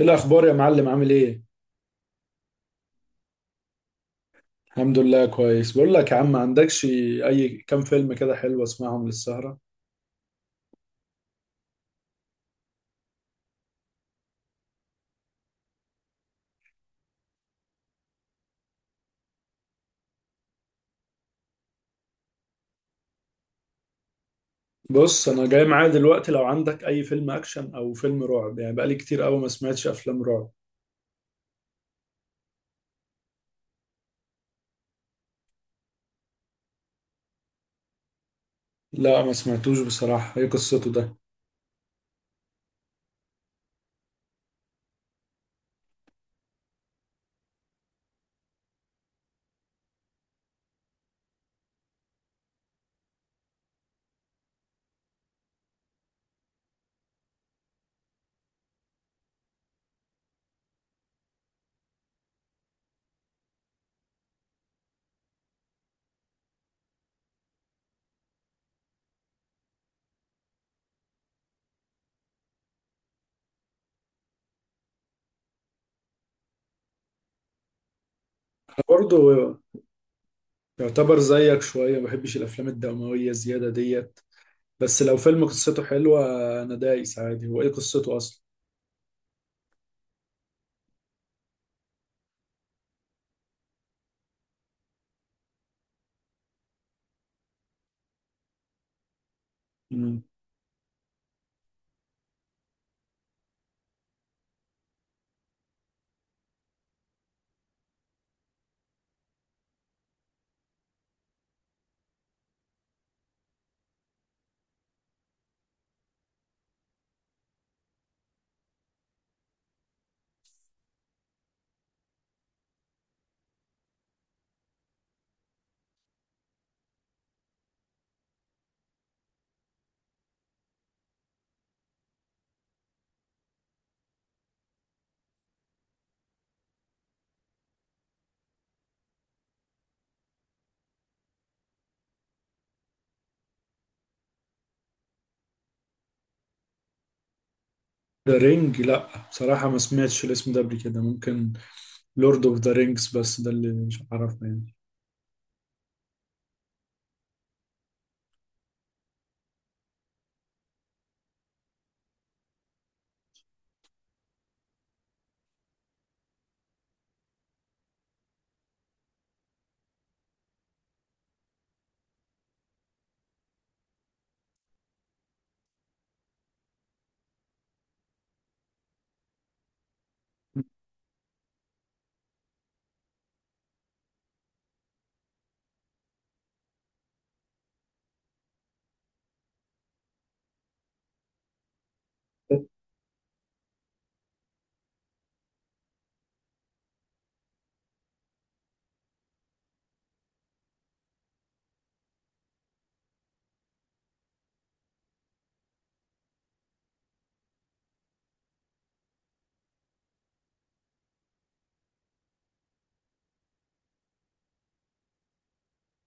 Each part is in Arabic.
ايه الاخبار يا معلم، عامل ايه؟ الحمد لله كويس. بقول لك يا عم، ما عندكش اي كام فيلم كده حلو اسمعهم للسهرة؟ بص انا جاي معايا دلوقتي، لو عندك اي فيلم اكشن او فيلم رعب، يعني بقالي كتير قوي ما سمعتش افلام رعب. لا ما سمعتوش بصراحة، ايه قصته ده؟ انا برضه يعتبر زيك شوية، ما بحبش الافلام الدموية زيادة ديت، بس لو فيلم قصته حلوة انا دايس عادي. هو ايه قصته اصلا؟ مم. ده رينج؟ لا بصراحة ما سمعتش الاسم ده قبل كده، ممكن لورد اوف ذا رينجز، بس ده اللي مش عارفه يعني.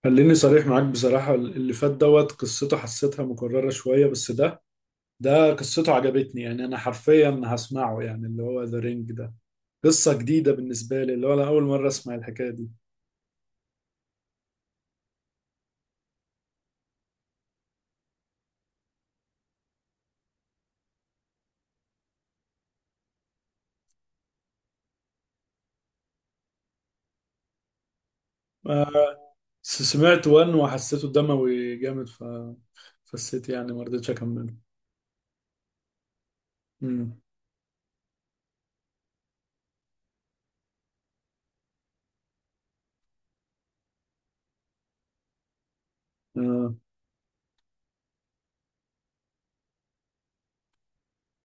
خليني صريح معاك، بصراحة اللي فات دوت قصته حسيتها مكررة شوية، بس ده قصته عجبتني. يعني أنا حرفيا هسمعه، يعني اللي هو ذا رينج ده قصة جديدة بالنسبة لي، اللي هو أنا أول مرة أسمع الحكاية دي. آه، سمعت وان وحسيته دموي جامد، ف فسيت يعني ما رضيتش أكمله. مم. آه،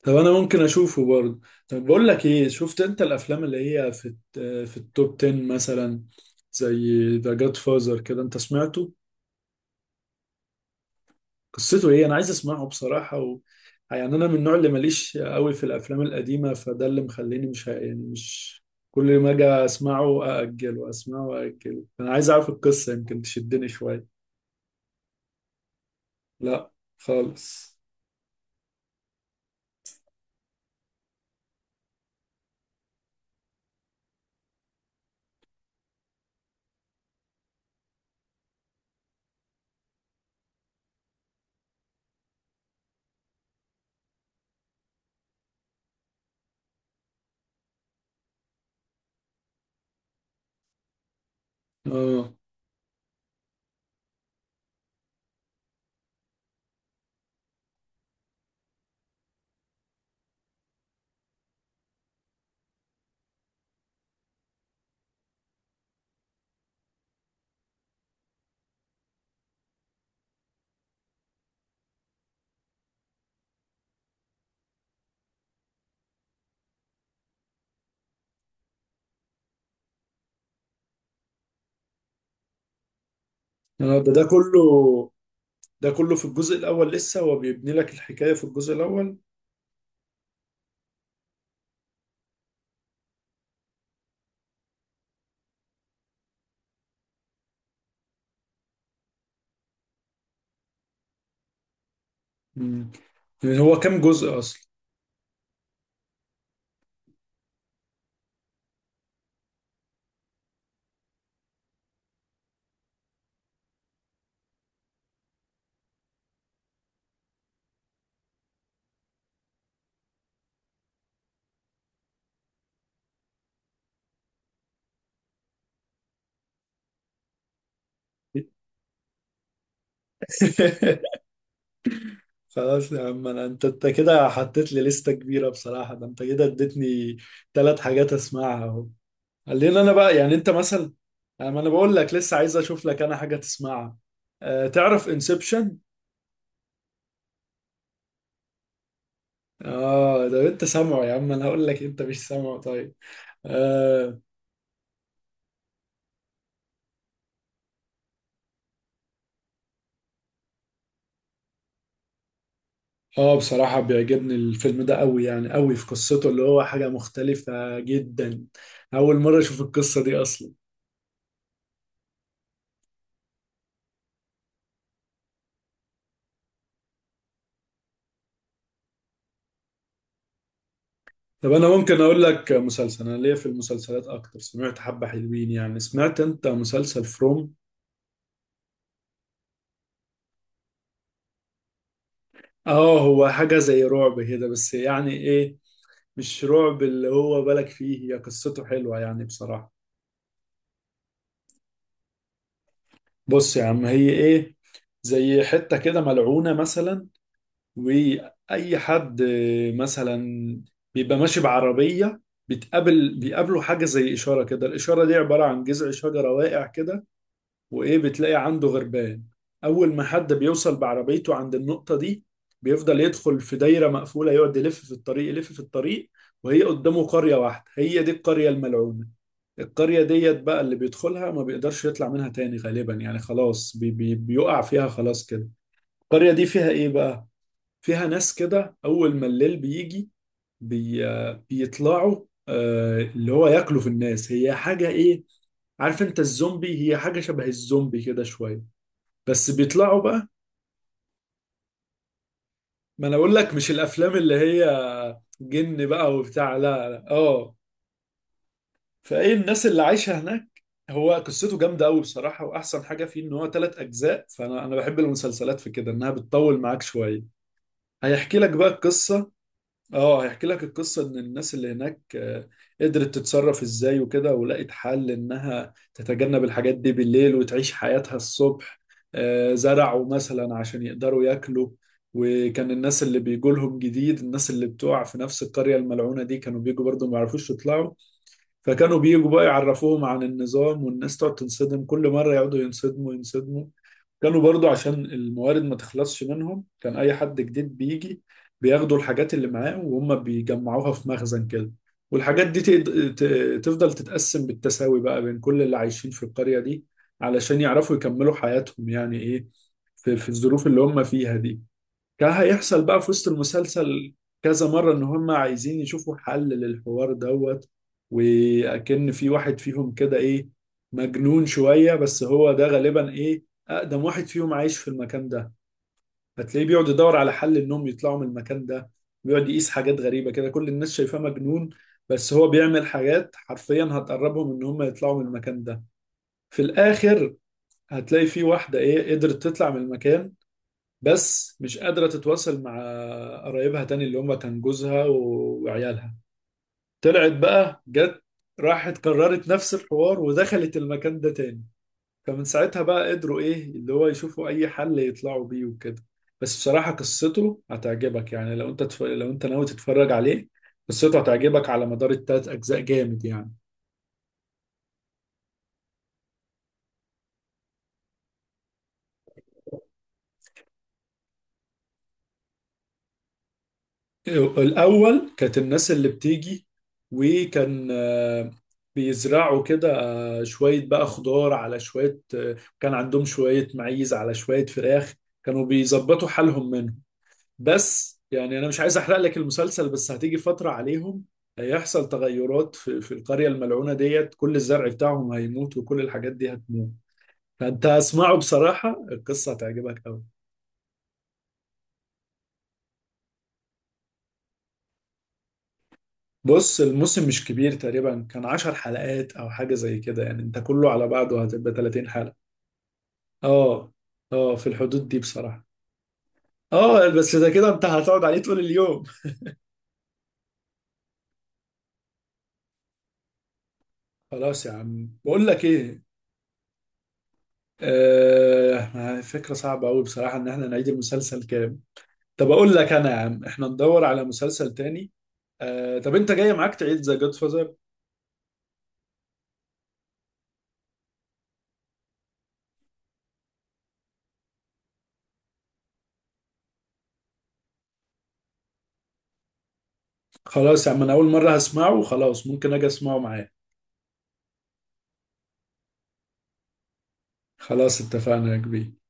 طب انا ممكن اشوفه برضه. طب بقول لك ايه، شفت انت الافلام اللي هي في التوب 10 مثلا، زي ذا جاد فازر كده، انت سمعته؟ قصته ايه؟ انا عايز اسمعه بصراحة يعني انا من النوع اللي ماليش قوي في الافلام القديمة، فده اللي مخليني مش يعني مش كل ما اجي اسمعه ااجله، اسمعه واجله، انا عايز اعرف القصة يمكن تشدني شوية. لا، خالص. اه انا ده كله، ده كله في الجزء الاول، لسه هو بيبني لك الحكاية في الجزء الاول. مم. هو كام جزء اصلا؟ خلاص يا عم، انا انت انت كده حطيت لي لستة كبيرة بصراحة، ده انت كده اديتني ثلاث حاجات اسمعها اهو. خلينا انا بقى يعني انت مثلا، يعني ما انا بقول لك لسه عايز اشوف لك انا حاجة تسمعها. أه، تعرف انسبشن؟ اه ده انت سامعه، يا عم انا هقول لك انت مش سامعه، طيب. اه، اه، بصراحة بيعجبني الفيلم ده قوي، يعني قوي في قصته، اللي هو حاجة مختلفة جدا، اول مرة اشوف القصة دي اصلا. طب انا ممكن اقول لك مسلسل، انا ليا في المسلسلات اكتر، سمعت حبة حلوين، يعني سمعت انت مسلسل فروم؟ اه هو حاجة زي رعب كده، بس يعني ايه، مش رعب اللي هو بالك فيه، هي قصته حلوة يعني بصراحة. بص يا عم، هي ايه، زي حتة كده ملعونة مثلا، واي حد مثلا بيبقى ماشي بعربية، بيقابله حاجة زي إشارة كده، الإشارة دي عبارة عن جذع شجرة واقع كده، وايه بتلاقي عنده غربان. اول ما حد بيوصل بعربيته عند النقطة دي، بيفضل يدخل في دايرة مقفولة، يقعد يلف في الطريق يلف في الطريق، وهي قدامه قرية واحدة هي دي القرية الملعونة. القرية ديت بقى اللي بيدخلها ما بيقدرش يطلع منها تاني، غالبا يعني خلاص، بي بي بيقع فيها خلاص كده. القرية دي فيها ايه بقى؟ فيها ناس كده اول ما الليل بيجي، بي بيطلعوا، اللي هو ياكلوا في الناس، هي حاجة ايه، عارف انت الزومبي، هي حاجة شبه الزومبي كده شوية، بس بيطلعوا بقى. ما انا اقول لك مش الافلام اللي هي جن بقى وبتاع، لا لا، اه. فايه الناس اللي عايشه هناك. هو قصته جامده قوي بصراحه، واحسن حاجه فيه ان هو ثلاث اجزاء، فانا بحب المسلسلات في كده انها بتطول معاك شويه. هيحكي لك بقى القصه. اه هيحكي لك القصة ان الناس اللي هناك قدرت تتصرف ازاي وكده، ولقت حل انها تتجنب الحاجات دي بالليل وتعيش حياتها الصبح. زرعوا مثلا عشان يقدروا ياكلوا. وكان الناس اللي بيجولهم جديد، الناس اللي بتقع في نفس القرية الملعونة دي، كانوا بيجوا برضو ما يعرفوش يطلعوا، فكانوا بيجوا بقى يعرفوهم عن النظام، والناس تقعد تنصدم كل مرة، يقعدوا ينصدموا ينصدموا. كانوا برضو عشان الموارد ما تخلصش منهم، كان اي حد جديد بيجي بياخدوا الحاجات اللي معاه وهم بيجمعوها في مخزن كده، والحاجات دي تفضل تتقسم بالتساوي بقى بين كل اللي عايشين في القرية دي علشان يعرفوا يكملوا حياتهم. يعني ايه، في الظروف اللي هم فيها دي. كان هيحصل بقى في وسط المسلسل كذا مرة إن هم عايزين يشوفوا حل للحوار دوت. وأكن في واحد فيهم كده إيه، مجنون شوية، بس هو ده غالبا إيه، أقدم واحد فيهم عايش في المكان ده. هتلاقيه بيقعد يدور على حل إنهم يطلعوا من المكان ده، بيقعد يقيس حاجات غريبة كده، كل الناس شايفاه مجنون، بس هو بيعمل حاجات حرفيا هتقربهم إن هم يطلعوا من المكان ده. في الآخر هتلاقي في واحدة إيه قدرت تطلع من المكان، بس مش قادرة تتواصل مع قرايبها تاني، اللي هم كان جوزها وعيالها. طلعت بقى جت، راحت كررت نفس الحوار ودخلت المكان ده تاني، فمن ساعتها بقى قدروا ايه اللي هو يشوفوا اي حل يطلعوا بيه وكده. بس بصراحة قصته هتعجبك يعني، لو انت لو انت ناوي تتفرج عليه، قصته هتعجبك على مدار التلات اجزاء، جامد يعني. الأول كانت الناس اللي بتيجي، وكان بيزرعوا كده، شوية بقى خضار على شوية، كان عندهم شوية معيز على شوية فراخ، كانوا بيظبطوا حالهم منهم. بس يعني أنا مش عايز أحرق لك المسلسل، بس هتيجي فترة عليهم هيحصل تغيرات في القرية الملعونة ديت، كل الزرع بتاعهم هيموت وكل الحاجات دي هتموت، فأنت اسمعه بصراحة، القصة هتعجبك أوي. بص الموسم مش كبير، تقريبا كان 10 حلقات او حاجة زي كده، يعني انت كله على بعضه هتبقى 30 حلقة. اه، اه، في الحدود دي بصراحة. اه بس ده كده انت هتقعد عليه طول اليوم. خلاص يا عم، بقول لك ايه، فكرة صعبة أوي بصراحة إن إحنا نعيد المسلسل كام. طب أقول لك أنا يا عم، إحنا ندور على مسلسل تاني. طب أنت جاي معاك تعيد ذا جاد فازر؟ خلاص يا عم، أنا أول مرة هسمعه وخلاص، ممكن أجي أسمعه معاك. خلاص اتفقنا يا كبير.